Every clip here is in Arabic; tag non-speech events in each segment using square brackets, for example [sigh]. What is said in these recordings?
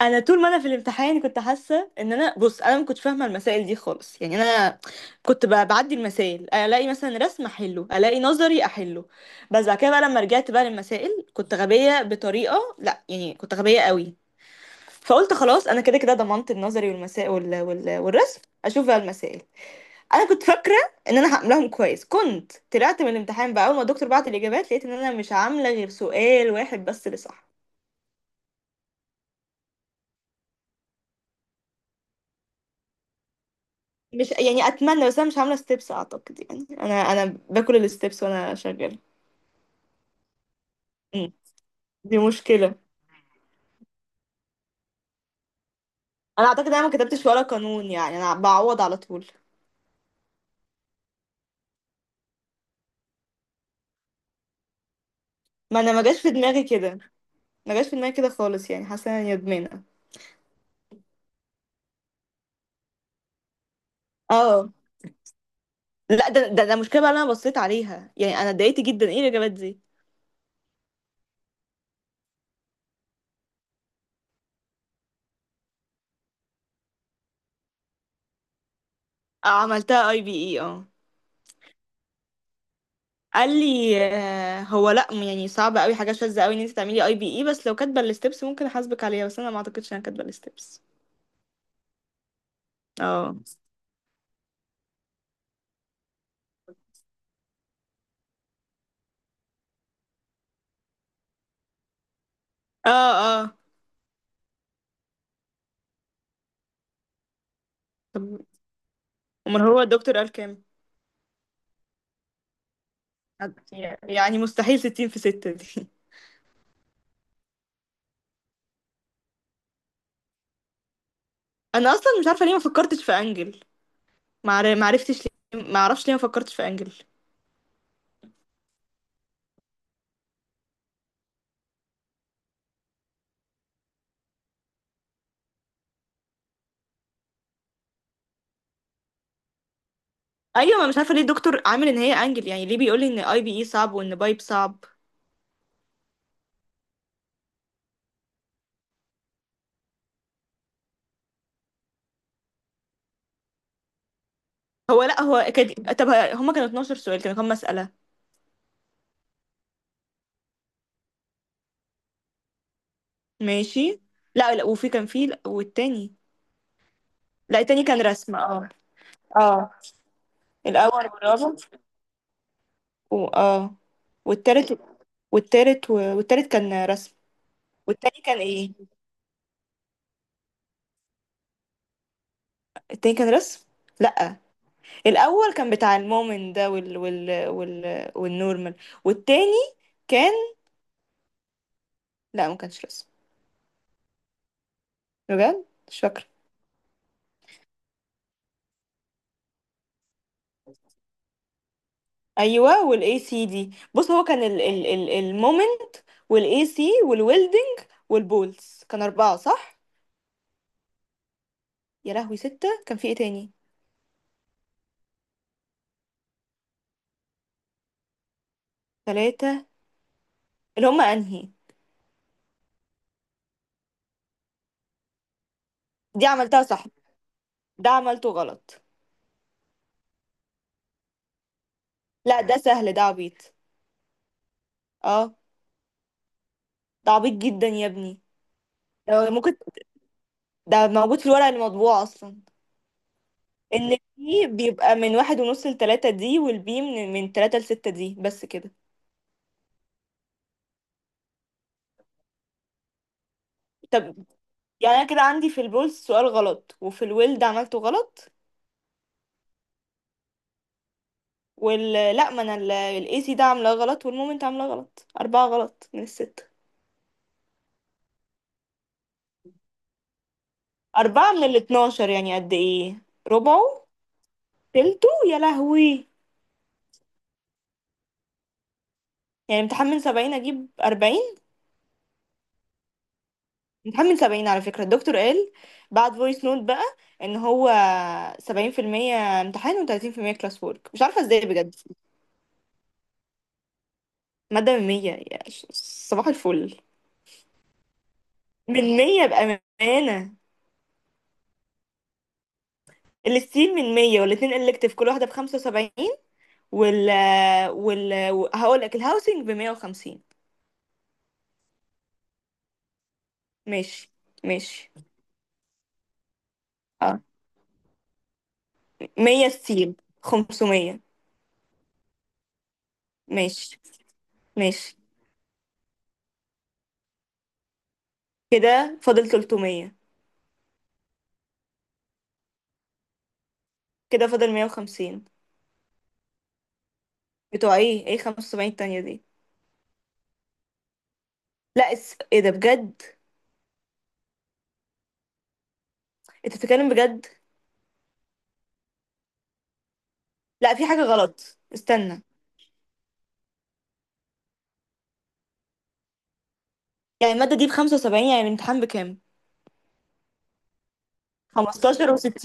انا طول ما انا في الامتحان كنت حاسه ان انا، بص، انا ما كنتش فاهمه المسائل دي خالص. يعني انا كنت بعدي المسائل، الاقي مثلا رسم احله، الاقي نظري احله. بس بعد كده بقى لما رجعت بقى للمسائل كنت غبيه بطريقه، لا يعني كنت غبيه قوي. فقلت خلاص انا كده كده ضمنت النظري والمسائل والرسم، اشوف بقى المسائل. انا كنت فاكره ان انا هعملهم كويس. كنت طلعت من الامتحان بقى، اول ما الدكتور بعت الاجابات لقيت ان انا مش عامله غير سؤال واحد بس اللي صح. مش يعني، اتمنى، بس انا مش عامله ستيبس اعتقد. يعني انا باكل الستيبس وانا شغاله. مم. دي مشكله. انا اعتقد انا ما كتبتش ولا قانون، يعني انا بعوض على طول. ما انا ما جاش في دماغي كده، ما جاش في دماغي كده خالص. يعني حاسه اني ندمانه. اه، لا ده مشكله بقى اللي انا بصيت عليها. يعني انا اتضايقت جدا، ايه الاجابات دي؟ آه، عملتها اي بي اي، اه. قال لي آه، هو لا يعني صعب قوي، حاجه شاذه قوي ان انت تعملي اي بي اي، بس لو كاتبه الستبس ممكن احاسبك عليها، بس انا ما اعتقدش ان انا كاتبه الستبس. اه. اه. اه طب، امال هو الدكتور قال كام؟ يعني مستحيل ستين في ستة دي [laughs] انا اصلا مش عارفه ليه ما فكرتش في انجل. ما عرفتش ليه، ما اعرفش ليه ما فكرتش في انجل. ايوه، ما مش عارفه ليه الدكتور عامل ان هي انجل؟ يعني ليه بيقول لي ان اي بي اي صعب وان بايب صعب؟ هو لا هو كان، طب هما كانوا 12 سؤال، كانوا كام مساله؟ ماشي. لا لا وفي كان في، لا، والتاني. لا التاني كان رسم، اه. اه. الاول والرابع و... اه. والتالت. والتالت و... والتالت كان رسم. والتاني كان ايه؟ التاني كان رسم. لا. الاول كان بتاع المؤمن ده وال والنورمال. والتاني كان. لا ما كانش رسم. بجد مش فاكره. ايوه، والاي سي دي، بص هو كان ال المومنت والاي سي والويلدنج والبولز، كان اربعه صح. يا لهوي، سته؟ كان في ايه تاني؟ ثلاثه. اللي هم انهي؟ دي عملتها صح. ده عملته غلط. لا ده سهل، ده عبيط. اه. ده عبيط جدا يا ابني. ده ممكن. ده موجود في الورقه المطبوعه اصلا. ان البي بيبقى من واحد ونص لتلاتة دي، والبي من تلاتة لستة دي، بس كده. طب. يعني انا كده عندي في البولز سؤال غلط، وفي الويلد عملته غلط. وال، لا ما انا، الاي سي ده عاملاه غلط، والمومنت عاملاه غلط. اربعة غلط من الستة. اربعة من الاتناشر يعني قد ايه؟ ربعه. تلته، يا لهوي. يعني امتحان من سبعين اجيب اربعين. امتحان من سبعين على فكرة، الدكتور قال بعد فويس نوت بقى ان هو 70% امتحان وتلاتين في المية كلاس وورك، مش عارفة ازاي بجد. مادة من مية، صباح الفل. من مية بأمانة. الستيل من مية، والاتنين إلكتيف كل واحدة بخمسة وسبعين. وال وال هقولك الهاوسنج بمية وخمسين. ماشي. ماشي. اه، مية ستيل. خمسمية. ماشي. ماشي. كده فاضل تلتمية. كده فاضل مية وخمسين. بتوع ايه؟ ايه خمسة وسبعين التانية دي؟ لا ايه ده بجد؟ انت بتتكلم بجد؟ لا في حاجة غلط، استنى. يعني المادة دي بخمسة وسبعين، يعني الامتحان بكام؟ 15 و60.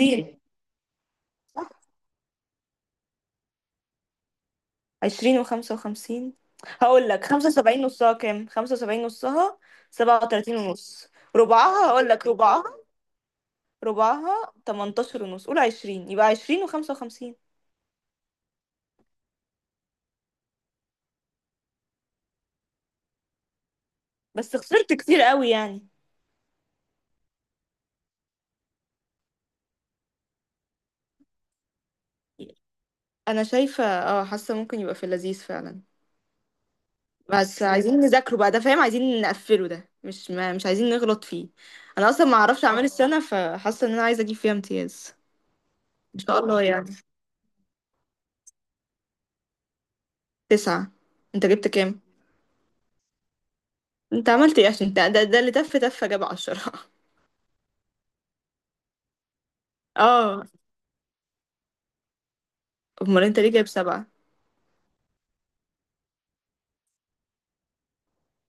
عشرين وخمسة وخمسين. هقول لك خمسة وسبعين نصها كام، خمسة وسبعين نصها سبعة وتلاتين ونص. ربعها، هقول لك ربعها، ربعها تمنتاشر ونص، قول عشرين، يبقى عشرين وخمسة وخمسين. بس خسرت كتير قوي يعني. أنا شايفة اه، حاسة ممكن يبقى في اللذيذ فعلا. بس عايزين نذاكره بقى ده فاهم، عايزين نقفله ده، مش عايزين نغلط فيه. أنا أصلا ما أعرفش أعمال السنة، فحاسة إن أنا عايزة أجيب فيها امتياز. إن شاء الله يعني. تسعة. أنت جبت كام؟ انت عملت ايه عشان ده اللي تف تف جاب عشرة [laughs] اه. امال انت ليه جايب سبعة؟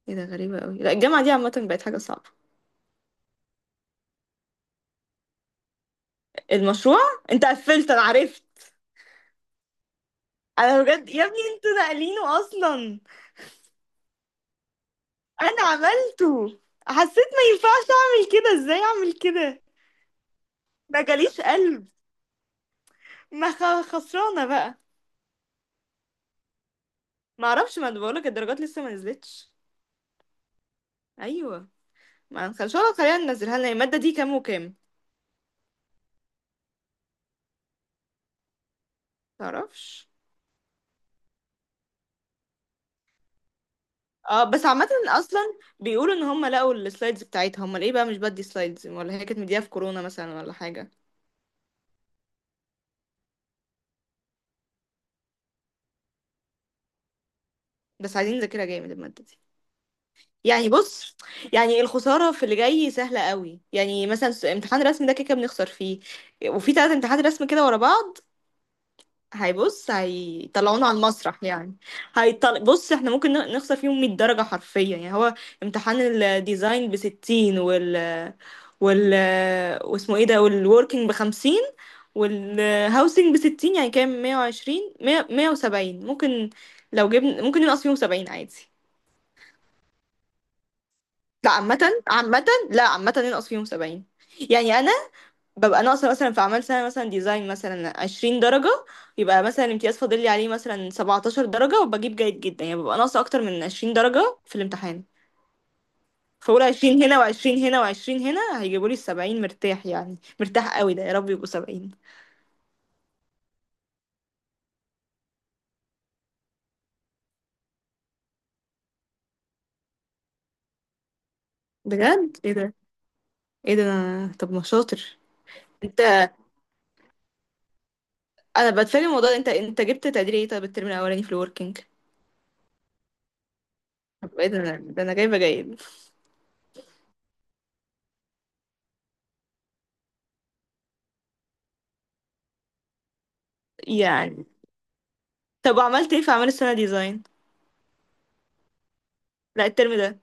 ايه ده، غريبة قوي. لا الجامعة دي عامة بقت حاجة صعبة. المشروع. انت قفلت انا عرفت. انا بجد يا ابني انتوا ناقلينه اصلا. انا عملته. حسيت ما ينفعش اعمل كده، ازاي اعمل كده. ما جاليش قلب. ما خ- خسرانة بقى. ما اعرفش، ما انا بقولك الدرجات لسه ما نزلتش. ايوه. ما ان شاء الله خلينا ننزلها لنا المادة دي كام وكام. تعرفش. اه بس عامة اصلا بيقولوا ان هم لقوا السلايدز بتاعتها، هم ليه بقى مش بدي سلايدز؟ ولا هي كانت مديها في كورونا مثلا ولا حاجة. بس عايزين نذاكرها جامد المادة دي. يعني بص، يعني الخسارة في اللي جاي سهلة قوي. يعني مثلا امتحان رسم ده كده كده بنخسر فيه. وفي تلات امتحانات رسم كده ورا بعض، هيبص هيطلعونا على المسرح يعني. بص احنا ممكن نخسر فيهم 100 درجة حرفيا. يعني هو امتحان الديزاين ب 60، وال وال واسمه ايه ده، والوركينج ب 50، والهاوسنج بستين، يعني كام؟ مية وعشرين، مية، مية وسبعين ممكن. لو جبنا ممكن ننقص فيهم سبعين عادي. لا عامة، عامة، لا عامة ننقص فيهم سبعين. يعني أنا ببقى ناقصة مثلا في أعمال سنة، مثلا ديزاين مثلا عشرين درجة، يبقى مثلا الامتياز فاضل لي عليه مثلا سبعتاشر درجة، وبجيب جيد جدا، يعني ببقى ناقصة أكتر من عشرين درجة في الامتحان. فأقول عشرين هنا وعشرين هنا وعشرين هنا هيجيبوا لي السبعين، مرتاح يعني، مرتاح قوي ده. يا رب يبقوا سبعين. بجد ايه ده؟ ايه ده؟ أنا- طب ما شاطر. انت، انا بتفاجئ من الموضوع ده. انت جبت تقدير ايه طب الترم الاولاني في الوركينج؟ طب ايه ده، انا ده انا جايبه جيد يعني. طب عملت ايه في اعمال السنه ديزاين؟ لا الترم ده.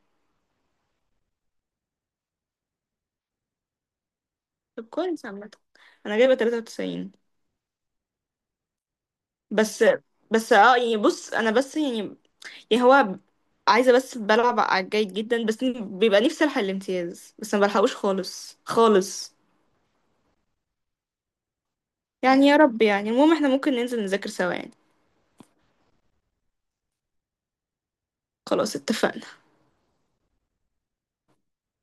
طب كويس عامه. انا جايبه 93. بس بس اه يعني بص انا بس يعني، يعني هو عايزه بس بلعب على الجيد جدا، بس بيبقى نفسي الحق الامتياز بس ما بلحقوش خالص خالص. يعني يا رب يعني. المهم احنا ممكن ننزل نذاكر سوا يعني. خلاص، اتفقنا.